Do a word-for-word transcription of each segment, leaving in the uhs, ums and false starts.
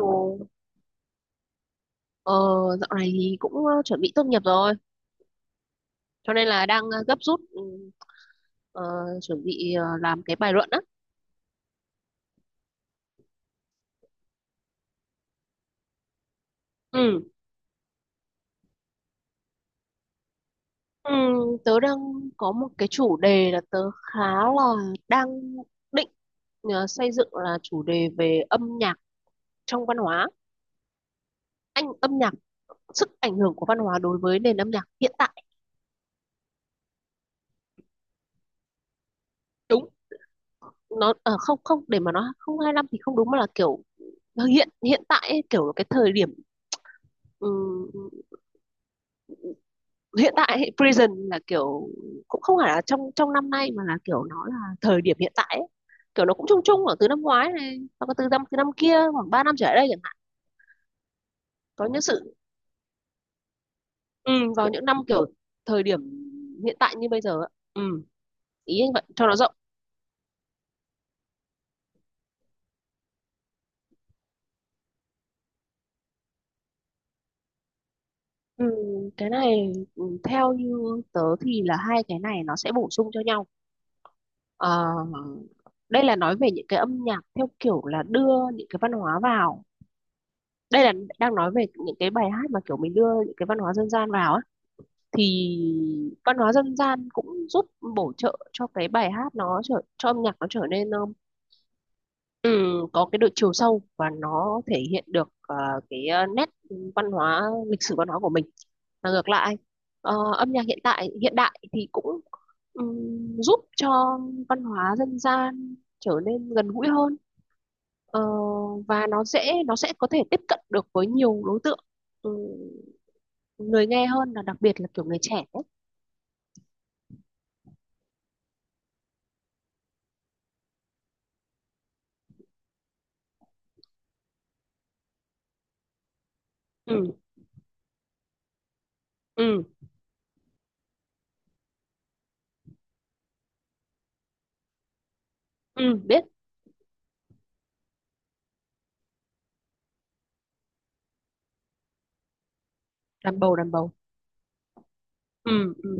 Ồ, ờ, dạo này thì cũng ờ, chuẩn bị tốt nghiệp rồi, cho nên là đang ờ, gấp rút, ừ, ờ, chuẩn bị ờ, làm cái bài luận á. Ừ. Ừ, tớ đang có một cái chủ đề là tớ khá là đang định ờ, xây dựng là chủ đề về âm nhạc trong văn hóa, anh âm nhạc, sức ảnh hưởng của văn hóa đối với nền âm nhạc hiện tại. Đúng, nó ờ, không không để mà nó không hai lăm thì không đúng, mà là kiểu hiện hiện tại ấy, kiểu cái thời điểm, ừ, hiện tại thì Prison là kiểu cũng không phải là trong trong năm nay mà là kiểu nó là thời điểm hiện tại ấy. Kiểu nó cũng chung chung khoảng từ năm ngoái này hoặc là từ năm từ năm kia, khoảng ba năm trở lại đây chẳng hạn, có những sự, ừ, vào những năm kiểu thời điểm hiện tại như bây giờ ạ. ừ, ý anh vậy cho nó rộng. Ừ, cái này, ừ, theo như tớ thì là hai cái này nó sẽ bổ sung cho nhau. Ờ, đây là nói về những cái âm nhạc theo kiểu là đưa những cái văn hóa vào. Đây là đang nói về những cái bài hát mà kiểu mình đưa những cái văn hóa dân gian vào á, thì văn hóa dân gian cũng giúp bổ trợ cho cái bài hát, nó trở cho âm nhạc nó trở nên, um, ừ, có cái độ chiều sâu và nó thể hiện được ờ, cái, ờ, nét văn hóa, lịch sử văn hóa của mình. Và ngược lại, ờ, âm nhạc hiện tại hiện đại thì cũng ừm, giúp cho văn hóa dân gian trở nên gần gũi hơn. Ờ, và nó dễ, nó sẽ có thể tiếp cận được với nhiều đối tượng, ừ, người nghe hơn, là đặc biệt là kiểu người trẻ ấy. Ừ. Ừ. Ừ. Biết. Đàn bầu, đàn bầu. Ừ. Ừ.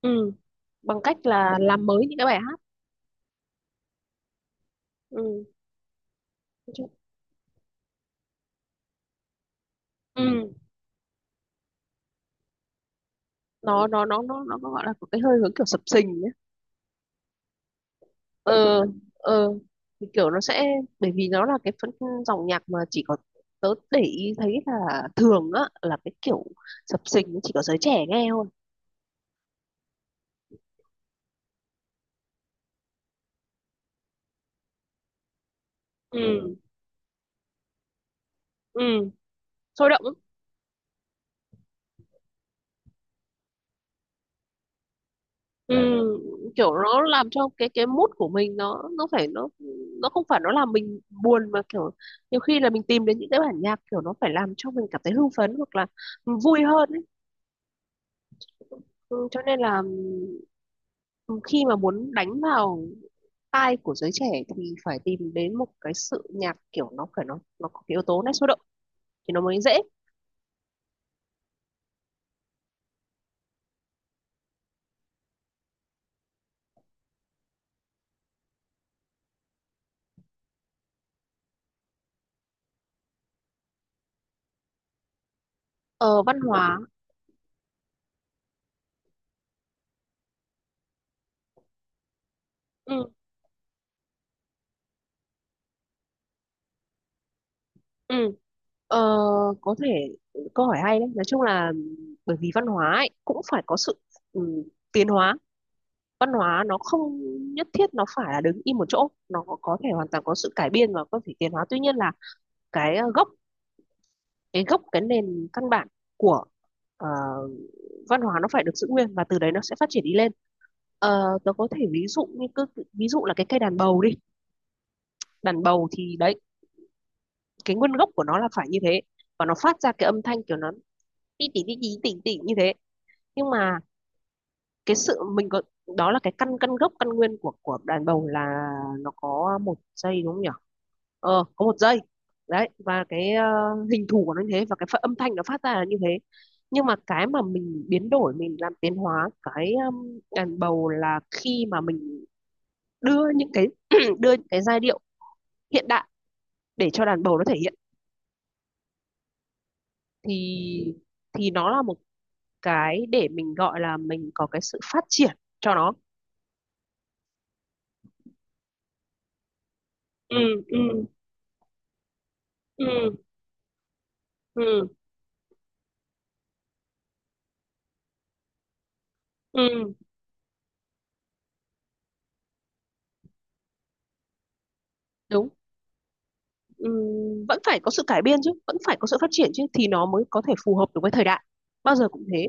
Ừ. Bằng cách là làm mới những cái bài hát. Ừ. Ừ. nó nó nó nó nó gọi là có cái hơi hướng kiểu sập sình nhé. Ờ. Ờ. Thì kiểu nó sẽ, bởi vì nó là cái phân dòng nhạc mà chỉ có, tớ để ý thấy là thường á là cái kiểu sập sình chỉ có giới trẻ nghe thôi. Ừ. Ừ. Sôi động lắm. ừ, kiểu nó làm cho cái cái mood của mình, nó nó phải nó nó không phải nó làm mình buồn, mà kiểu nhiều khi là mình tìm đến những cái bản nhạc kiểu nó phải làm cho mình cảm thấy hưng phấn hoặc là vui hơn ấy. Ừ, cho nên là, ừ, khi mà muốn đánh vào tai của giới trẻ thì phải tìm đến một cái sự nhạc kiểu nó phải, nó nó có cái yếu tố nét sôi động thì nó mới dễ. ờ, Văn hóa. Ừ. Ừ. Ờ, có thể câu hỏi hay đấy, nói chung là bởi vì văn hóa ấy, cũng phải có sự, ừ, tiến hóa. Văn hóa nó không nhất thiết nó phải là đứng im một chỗ, nó có thể hoàn toàn có sự cải biên và có thể tiến hóa. Tuy nhiên là cái ờ, gốc cái gốc cái nền căn bản của, ờ, văn hóa nó phải được giữ nguyên và từ đấy nó sẽ phát triển đi lên. Ờ, tớ có thể ví dụ như cứ ví dụ là cái cây đàn bầu đi. Đàn bầu thì đấy, cái nguyên gốc của nó là phải như thế, và nó phát ra cái âm thanh kiểu nó tí tí tí tí tỉ tỉ như thế. Nhưng mà cái sự mình có, đó là cái căn căn gốc, căn nguyên của của đàn bầu là nó có một dây đúng không nhỉ. Ờ, có một dây, đấy, và cái, ờ, hình thù của nó như thế, và cái ph- âm thanh nó phát ra là như thế. Nhưng mà cái mà mình biến đổi, mình làm tiến hóa cái, um, đàn bầu là khi mà mình đưa những cái đưa những cái giai điệu hiện đại để cho đàn bầu nó thể hiện. Thì thì nó là một cái để mình gọi là mình có cái sự phát triển cho nó. Ừ. Ừ. Ừ. Ừ. Ừ, đúng. Ừ, vẫn phải có sự cải biên chứ, vẫn phải có sự phát triển chứ thì nó mới có thể phù hợp được với thời đại. Bao giờ cũng thế.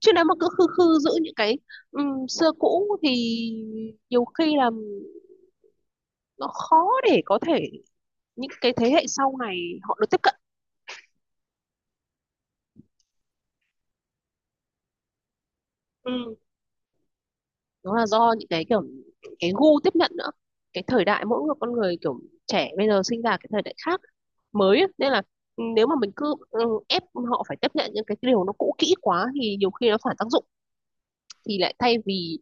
Chứ nếu mà cứ khư khư giữ những cái, ừm, xưa cũ thì nhiều khi là nó khó để có thể những cái thế hệ sau này họ được tiếp cận. Ừ, đó là do những cái kiểu cái gu tiếp nhận nữa. Cái thời đại mỗi người, con người kiểu trẻ bây giờ sinh ra cái thời đại khác mới ấy. Nên là, ừ, nếu mà mình cứ, ừ, ép họ phải tiếp nhận những cái điều nó cũ kỹ quá thì nhiều khi nó phản tác dụng, thì lại thay vì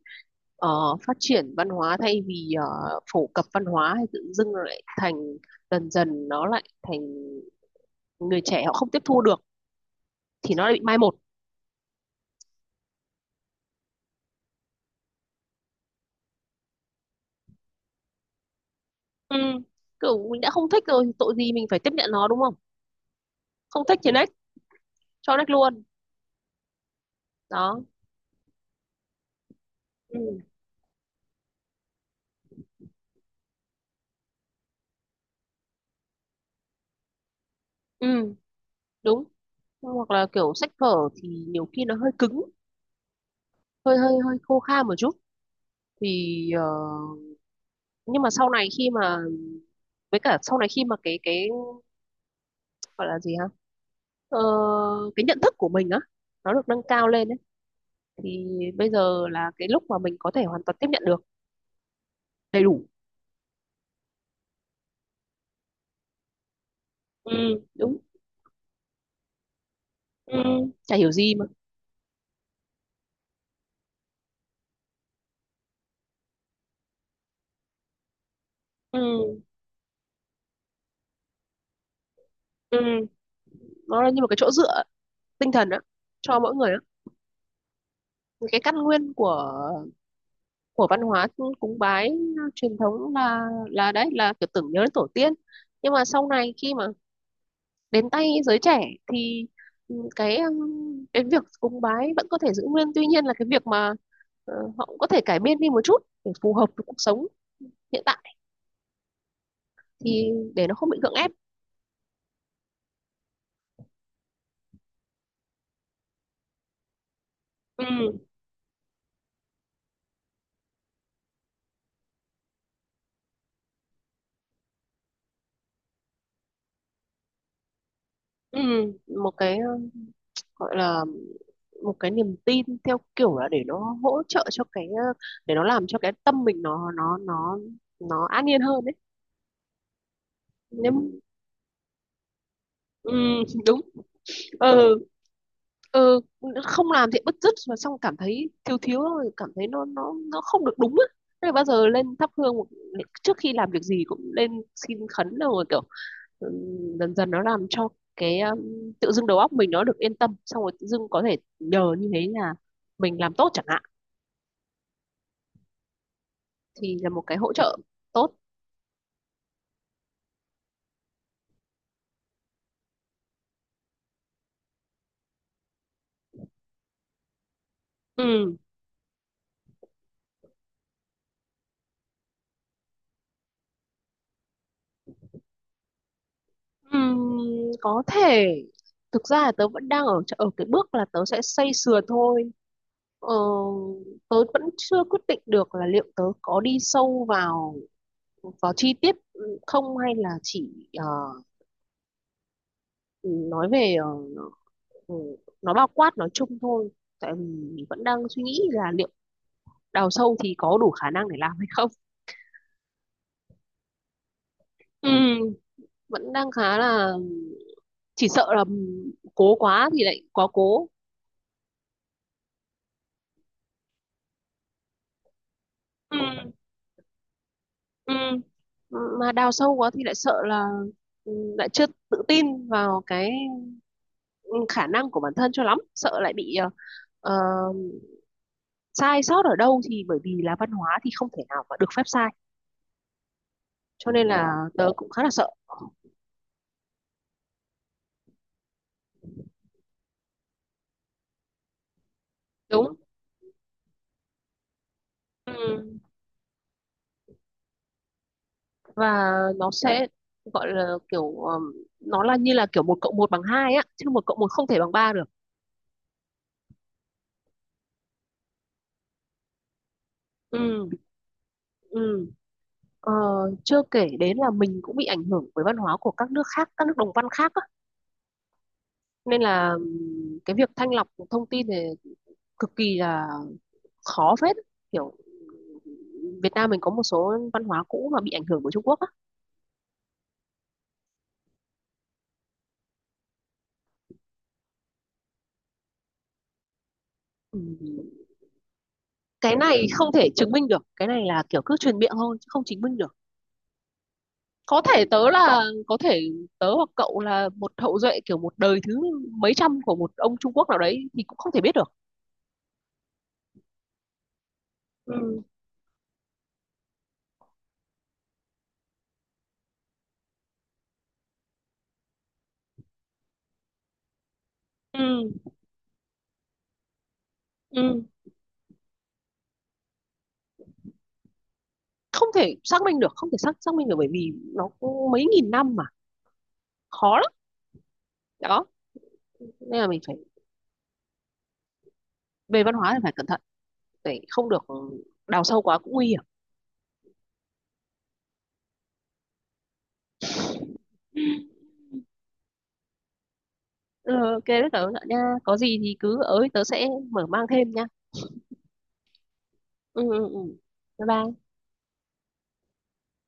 ờ, phát triển văn hóa, thay vì ờ, phổ cập văn hóa, thì tự dưng nó lại thành, dần dần nó lại thành người trẻ họ không tiếp thu được thì nó lại bị mai một. Ừ. Kiểu mình đã không thích rồi thì tội gì mình phải tiếp nhận nó, đúng không. Không thích thì next, cho next luôn. Đó. Ừ. Ừ, đúng. Hoặc là kiểu sách vở thì nhiều khi nó hơi cứng, hơi hơi hơi khô khan một chút. Thì, ờ, nhưng mà sau này khi mà với cả sau này khi mà, cái cái gọi là gì ha, ờ, cái nhận thức của mình á, nó được nâng cao lên ấy. Thì bây giờ là cái lúc mà mình có thể hoàn toàn tiếp nhận được đầy đủ. Ừ, đúng. Ừ, chả hiểu gì mà. Ừ. Ừ. Nó là như một cái chỗ dựa tinh thần á, cho mỗi người á. Cái căn nguyên của của văn hóa cúng bái truyền thống là là đấy, là kiểu tưởng nhớ đến tổ tiên. Nhưng mà sau này khi mà đến tay giới trẻ thì, ừ, cái ừm, cái việc cúng bái vẫn có thể giữ nguyên, tuy nhiên là cái việc mà ờ, họ cũng có thể cải biên đi một chút để phù hợp với cuộc sống hiện tại, thì để nó không bị gượng ép. Ừ. Ừ, một cái, ờ, gọi là một cái niềm tin theo kiểu là để nó hỗ trợ cho cái, ờ, để nó làm cho cái tâm mình, nó nó nó nó an yên hơn đấy. nếu ừ, Đúng. Ừ. Ừ. Không làm thì bứt rứt, mà xong cảm thấy thiếu thiếu rồi, cảm thấy, nó nó nó không được đúng á. Thế là bao giờ lên thắp hương một- trước khi làm việc gì cũng lên xin khấn rồi kiểu. Ừ, dần dần nó làm cho cái, um, tự dưng đầu óc mình nó được yên tâm, xong rồi tự dưng có thể nhờ như thế là mình làm tốt chẳng hạn, thì là một cái hỗ trợ tốt. Ừ. Ừ, có thể. Thực ra là tớ vẫn đang ở ở cái bước là tớ sẽ xây sửa thôi. Ờ, tớ vẫn chưa quyết định được là liệu tớ có đi sâu vào vào chi tiết không, hay là chỉ ờ, nói về, uh, nó bao quát nói chung thôi, tại vì vẫn đang suy nghĩ là liệu đào sâu thì có đủ khả năng để làm hay không. Ừ, vẫn đang khá là, chỉ sợ là cố quá thì lại quá cố. Ừ. Ừ. Mà đào sâu quá thì lại sợ là, ừ, lại chưa tự tin vào cái khả năng của bản thân cho lắm, sợ lại bị, ờ, ờ, sai sót ở đâu thì, bởi vì là văn hóa thì không thể nào mà được phép sai, cho nên là tớ cũng khá là sợ. Đúng. Ừ. Và nó sẽ gọi là kiểu, ờm, nó là như là kiểu một cộng một bằng hai á, chứ một cộng một không thể bằng ba được. Ừ. Ừ. Ờ, Chưa kể đến là mình cũng bị ảnh hưởng bởi văn hóa của các nước khác, các nước đồng văn khác á. Nên là, ừm, cái việc thanh lọc thông tin thì cực kỳ là khó phết, kiểu Việt Nam mình có một số văn hóa cũ mà bị ảnh hưởng bởi Trung Quốc á. Ừ. Cái này không thể chứng minh được, cái này là kiểu cứ truyền miệng thôi chứ không chứng minh được. Có thể tớ là có thể tớ hoặc cậu là một hậu duệ kiểu một đời thứ mấy trăm của một ông Trung Quốc nào đấy thì cũng không thể biết được. Ừ. Ừ. Ừ. Không thể xác minh được, không thể xác xác minh được, bởi vì nó cũng mấy nghìn năm mà, khó lắm. Đó, nên là mình phải, về văn hóa thì phải cẩn thận, để không được đào sâu quá cũng nguy hiểm. Ừ, ok đấy tớ nha, có gì thì cứ ở tớ sẽ mở mang thêm nha. Ừ. Ừ. Ừ. Bye bye.